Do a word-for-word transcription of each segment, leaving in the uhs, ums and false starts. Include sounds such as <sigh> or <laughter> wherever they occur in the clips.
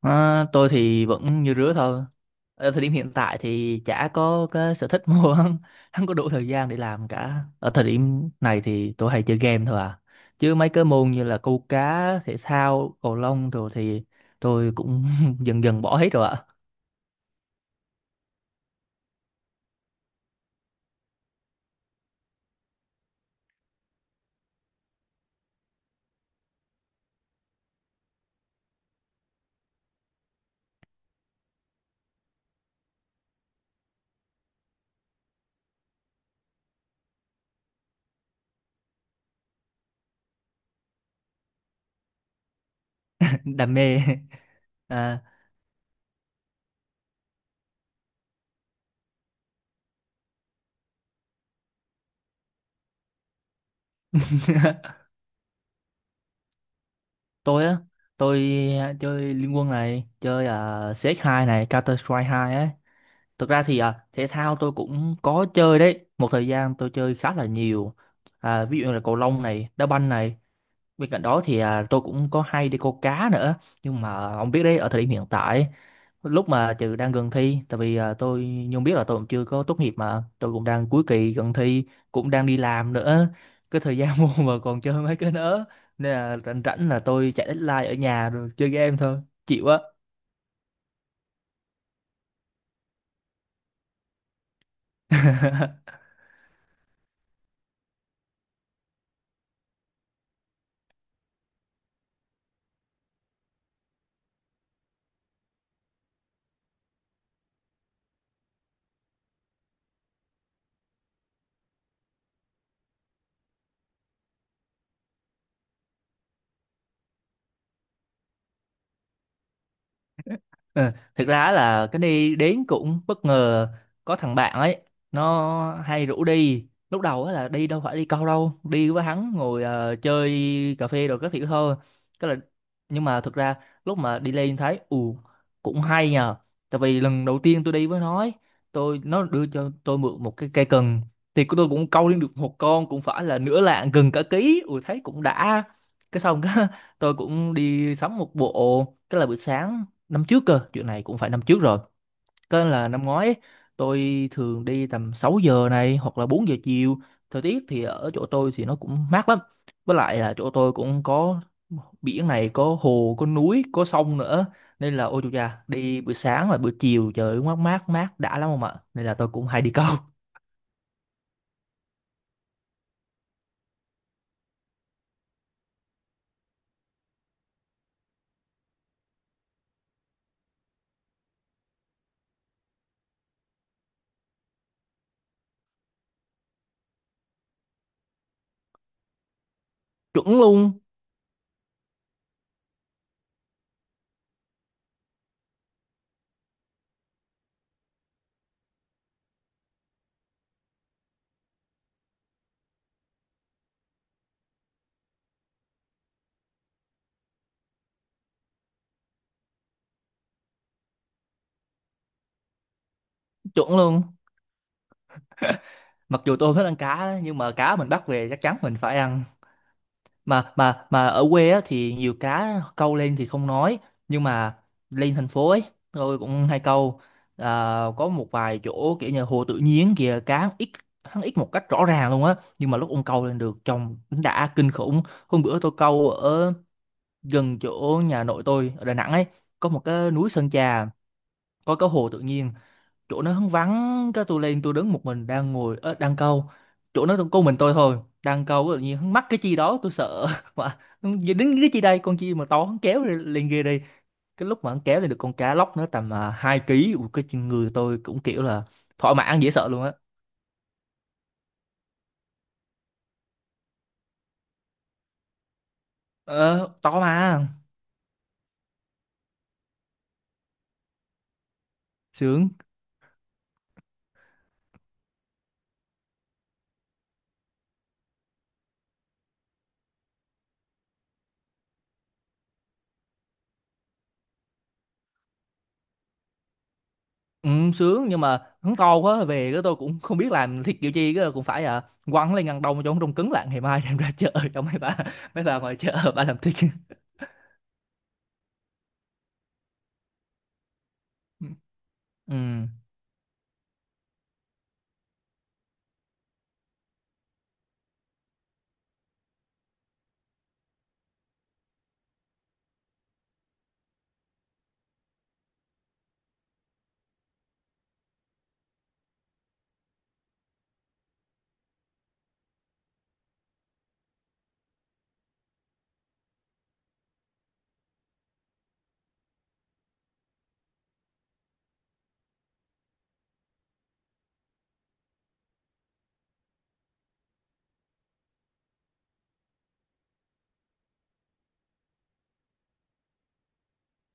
À, tôi thì vẫn như rứa thôi. Ở thời điểm hiện tại thì chả có cái sở thích mua <laughs> không, không có đủ thời gian để làm cả. Ở thời điểm này thì tôi hay chơi game thôi à. Chứ mấy cái môn như là câu cá, thể thao, cầu lông rồi thì tôi cũng <laughs> dần dần bỏ hết rồi ạ. <laughs> Đam mê. À, <laughs> tôi á, tôi chơi Liên Quân này, chơi uh, C S hai này, Counter Strike hai ấy. Thực ra thì à, thể thao tôi cũng có chơi đấy. Một thời gian tôi chơi khá là nhiều. À, ví dụ như là cầu lông này, đá banh này. Bên cạnh đó thì à, tôi cũng có hay đi câu cá nữa. Nhưng mà ông biết đấy, ở thời điểm hiện tại, lúc mà trừ đang gần thi, tại vì à, tôi như ông biết là tôi cũng chưa có tốt nghiệp mà, tôi cũng đang cuối kỳ gần thi, cũng đang đi làm nữa. Cái thời gian <laughs> mua mà còn chơi mấy cái nữa. Nên là rảnh rảnh là tôi chạy deadline ở nhà rồi chơi game thôi. Chịu á. <laughs> Ờ, thực ra á là cái đi đến cũng bất ngờ, có thằng bạn ấy nó hay rủ đi. Lúc đầu á là đi đâu phải đi câu đâu, đi với hắn ngồi ờ, chơi cà phê rồi các thứ thôi, cái là nhưng mà thực ra lúc mà đi lên thấy ù cũng hay nhờ. Tại vì lần đầu tiên tôi đi với nó ấy, tôi nó đưa cho tôi mượn một cái cây cần thì tôi cũng câu lên được một con cũng phải là nửa lạng gần cả ký, ui thấy cũng đã, cái xong cái <laughs> tôi cũng đi sắm một bộ, cái là buổi sáng năm trước cơ, chuyện này cũng phải năm trước rồi, có nên là năm ngoái ấy, tôi thường đi tầm sáu giờ này hoặc là bốn giờ chiều. Thời tiết thì ở chỗ tôi thì nó cũng mát lắm, với lại là chỗ tôi cũng có biển này, có hồ có núi có sông nữa, nên là ôi chú cha đi buổi sáng và buổi chiều trời ơi, mát mát mát đã lắm không ạ, nên là tôi cũng hay đi câu. <laughs> Chuẩn luôn. Chuẩn luôn, mặc dù tôi không thích ăn cá nhưng mà cá mình bắt về chắc chắn mình phải ăn. Mà mà mà ở quê á, thì nhiều cá câu lên thì không nói, nhưng mà lên thành phố ấy tôi cũng hay câu. À, có một vài chỗ kiểu như hồ tự nhiên kìa cá hắn ít, hắn ít một cách rõ ràng luôn á, nhưng mà lúc ông câu lên được trông đã kinh khủng. Hôm bữa tôi câu ở gần chỗ nhà nội tôi ở Đà Nẵng ấy, có một cái núi Sơn Trà, có cái hồ tự nhiên, chỗ nó hắn vắng, cái tôi lên tôi đứng một mình đang ngồi ờ, đang câu, chỗ nó có mình tôi thôi đang câu, tự nhiên hắn mắc cái chi đó tôi sợ <laughs> mà hắn đến cái chi đây, con chi mà to hắn kéo lên lên ghê đi. Cái lúc mà hắn kéo lên được con cá lóc nó tầm uh, hai ký. Ui, cái người tôi cũng kiểu là thỏa mãn dễ sợ luôn á. Ờ, to mà. Sướng. Ừ, sướng nhưng mà hắn to quá về cái tôi cũng không biết làm thịt kiểu chi, cái cũng phải à quăng lên ngăn đông cho nó đông cứng lại, ngày mai đem ra chợ <laughs> cho mấy bà, mấy bà ngoài chợ bà làm thịt. <laughs> Ừ.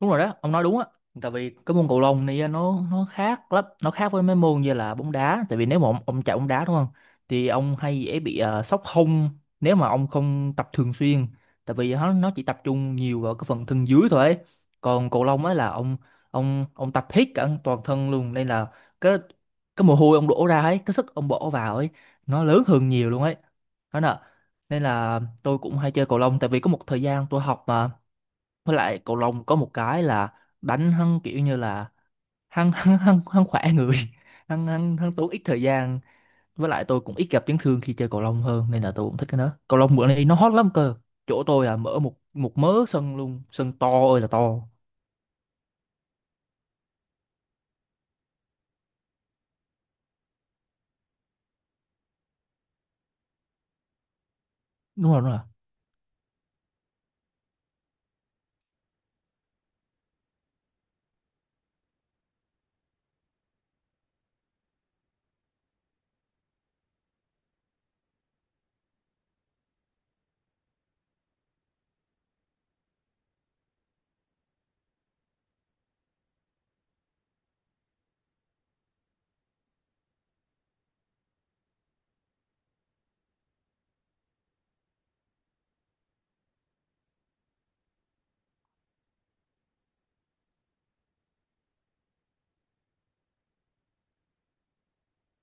Đúng rồi đó, ông nói đúng á. Tại vì cái môn cầu lông này á, nó nó khác lắm, nó khác với mấy môn như là bóng đá. Tại vì nếu mà ông, ông chạy bóng đá đúng không, thì ông hay dễ bị uh, sốc hông nếu mà ông không tập thường xuyên. Tại vì nó nó chỉ tập trung nhiều vào cái phần thân dưới thôi ấy. Còn cầu lông á là ông, ông ông tập hết cả toàn thân luôn, nên là cái cái mồ hôi ông đổ ra ấy, cái sức ông bỏ vào ấy nó lớn hơn nhiều luôn ấy, đó nè. Nên là tôi cũng hay chơi cầu lông tại vì có một thời gian tôi học mà. Với lại cầu lông có một cái là đánh hắn kiểu như là hắn <laughs> hắn hắn hắn khỏe người, <laughs> hắn hắn hắn tốn ít thời gian. Với lại tôi cũng ít gặp chấn thương khi chơi cầu lông hơn, nên là tôi cũng thích cái đó. Cầu lông bữa nay nó hot lắm cơ, chỗ tôi là mở một, một mớ sân luôn, sân to ơi là to. Đúng rồi đúng rồi.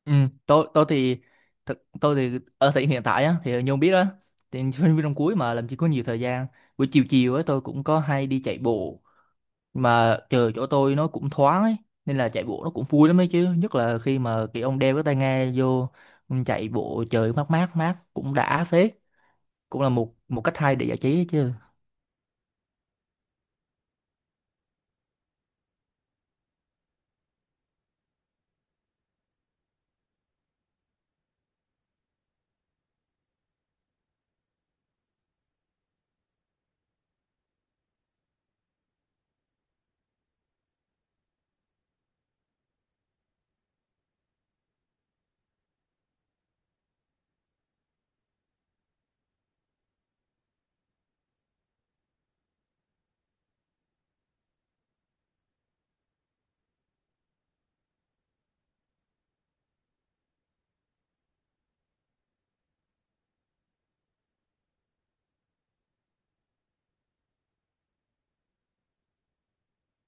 Ừ. tôi tôi thì thực tôi thì ở thời điểm hiện tại á thì như ông biết á, thì sinh viên năm cuối mà làm gì có nhiều thời gian. Buổi chiều chiều ấy tôi cũng có hay đi chạy bộ, mà trời chỗ tôi nó cũng thoáng ấy, nên là chạy bộ nó cũng vui lắm ấy chứ, nhất là khi mà cái ông đeo cái tai nghe vô, ông chạy bộ trời mát mát mát cũng đã phết. Cũng là một, một cách hay để giải trí ấy chứ.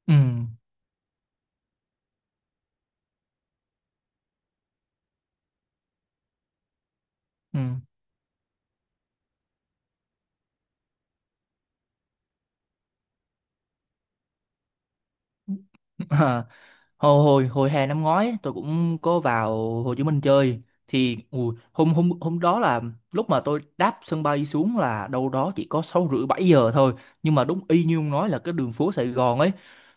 Ừ. Ừ. <laughs> hồi hồi hồi hè năm ngoái ấy, tôi cũng có vào Hồ Chí Minh chơi. Thì ui, hôm hôm hôm đó là lúc mà tôi đáp sân bay xuống là đâu đó chỉ có sáu rưỡi bảy giờ thôi, nhưng mà đúng y như ông nói là cái đường phố Sài Gòn ấy,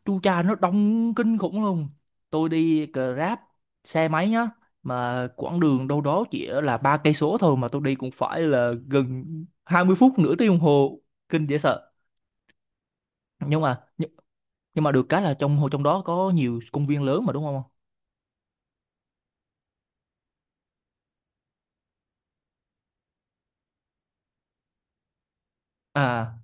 chu cha nó đông kinh khủng luôn. Tôi đi Grab xe máy nhá, mà quãng đường đâu đó chỉ là ba cây số thôi mà tôi đi cũng phải là gần hai mươi phút, nửa tiếng đồng hồ, kinh dễ sợ. nhưng mà nhưng, nhưng mà được cái là trong, trong đó có nhiều công viên lớn mà đúng không. À.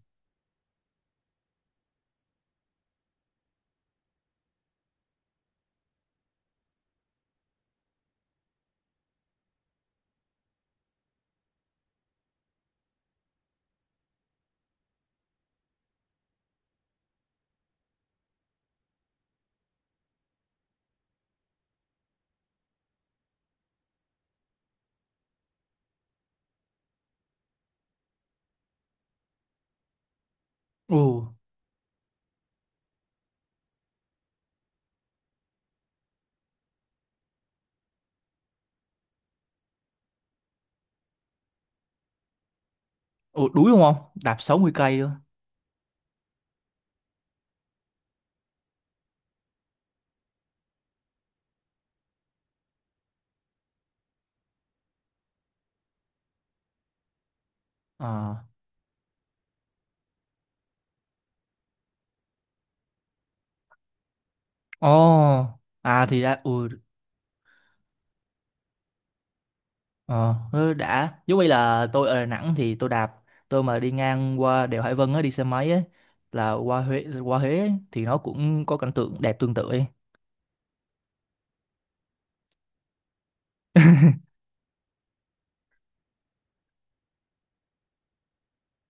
Ồ. Ồ đuối đúng không? Đạp sáu mươi cây luôn. Ờ. Ồ. À thì đã. Ừ ờ ừ, đã. Giống như là tôi ở Đà Nẵng thì tôi đạp, tôi mà đi ngang qua đèo Hải Vân á đi xe máy ấy là qua Huế, qua Huế ấy, thì nó cũng có cảnh tượng đẹp tương tự ấy.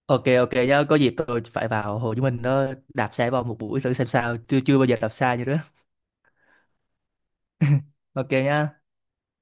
Ok ok nhá, có dịp tôi phải vào Hồ Chí Minh đó, đạp xe vào một buổi thử xem sao. Chưa chưa bao giờ đạp xa như đó. Ok nhá.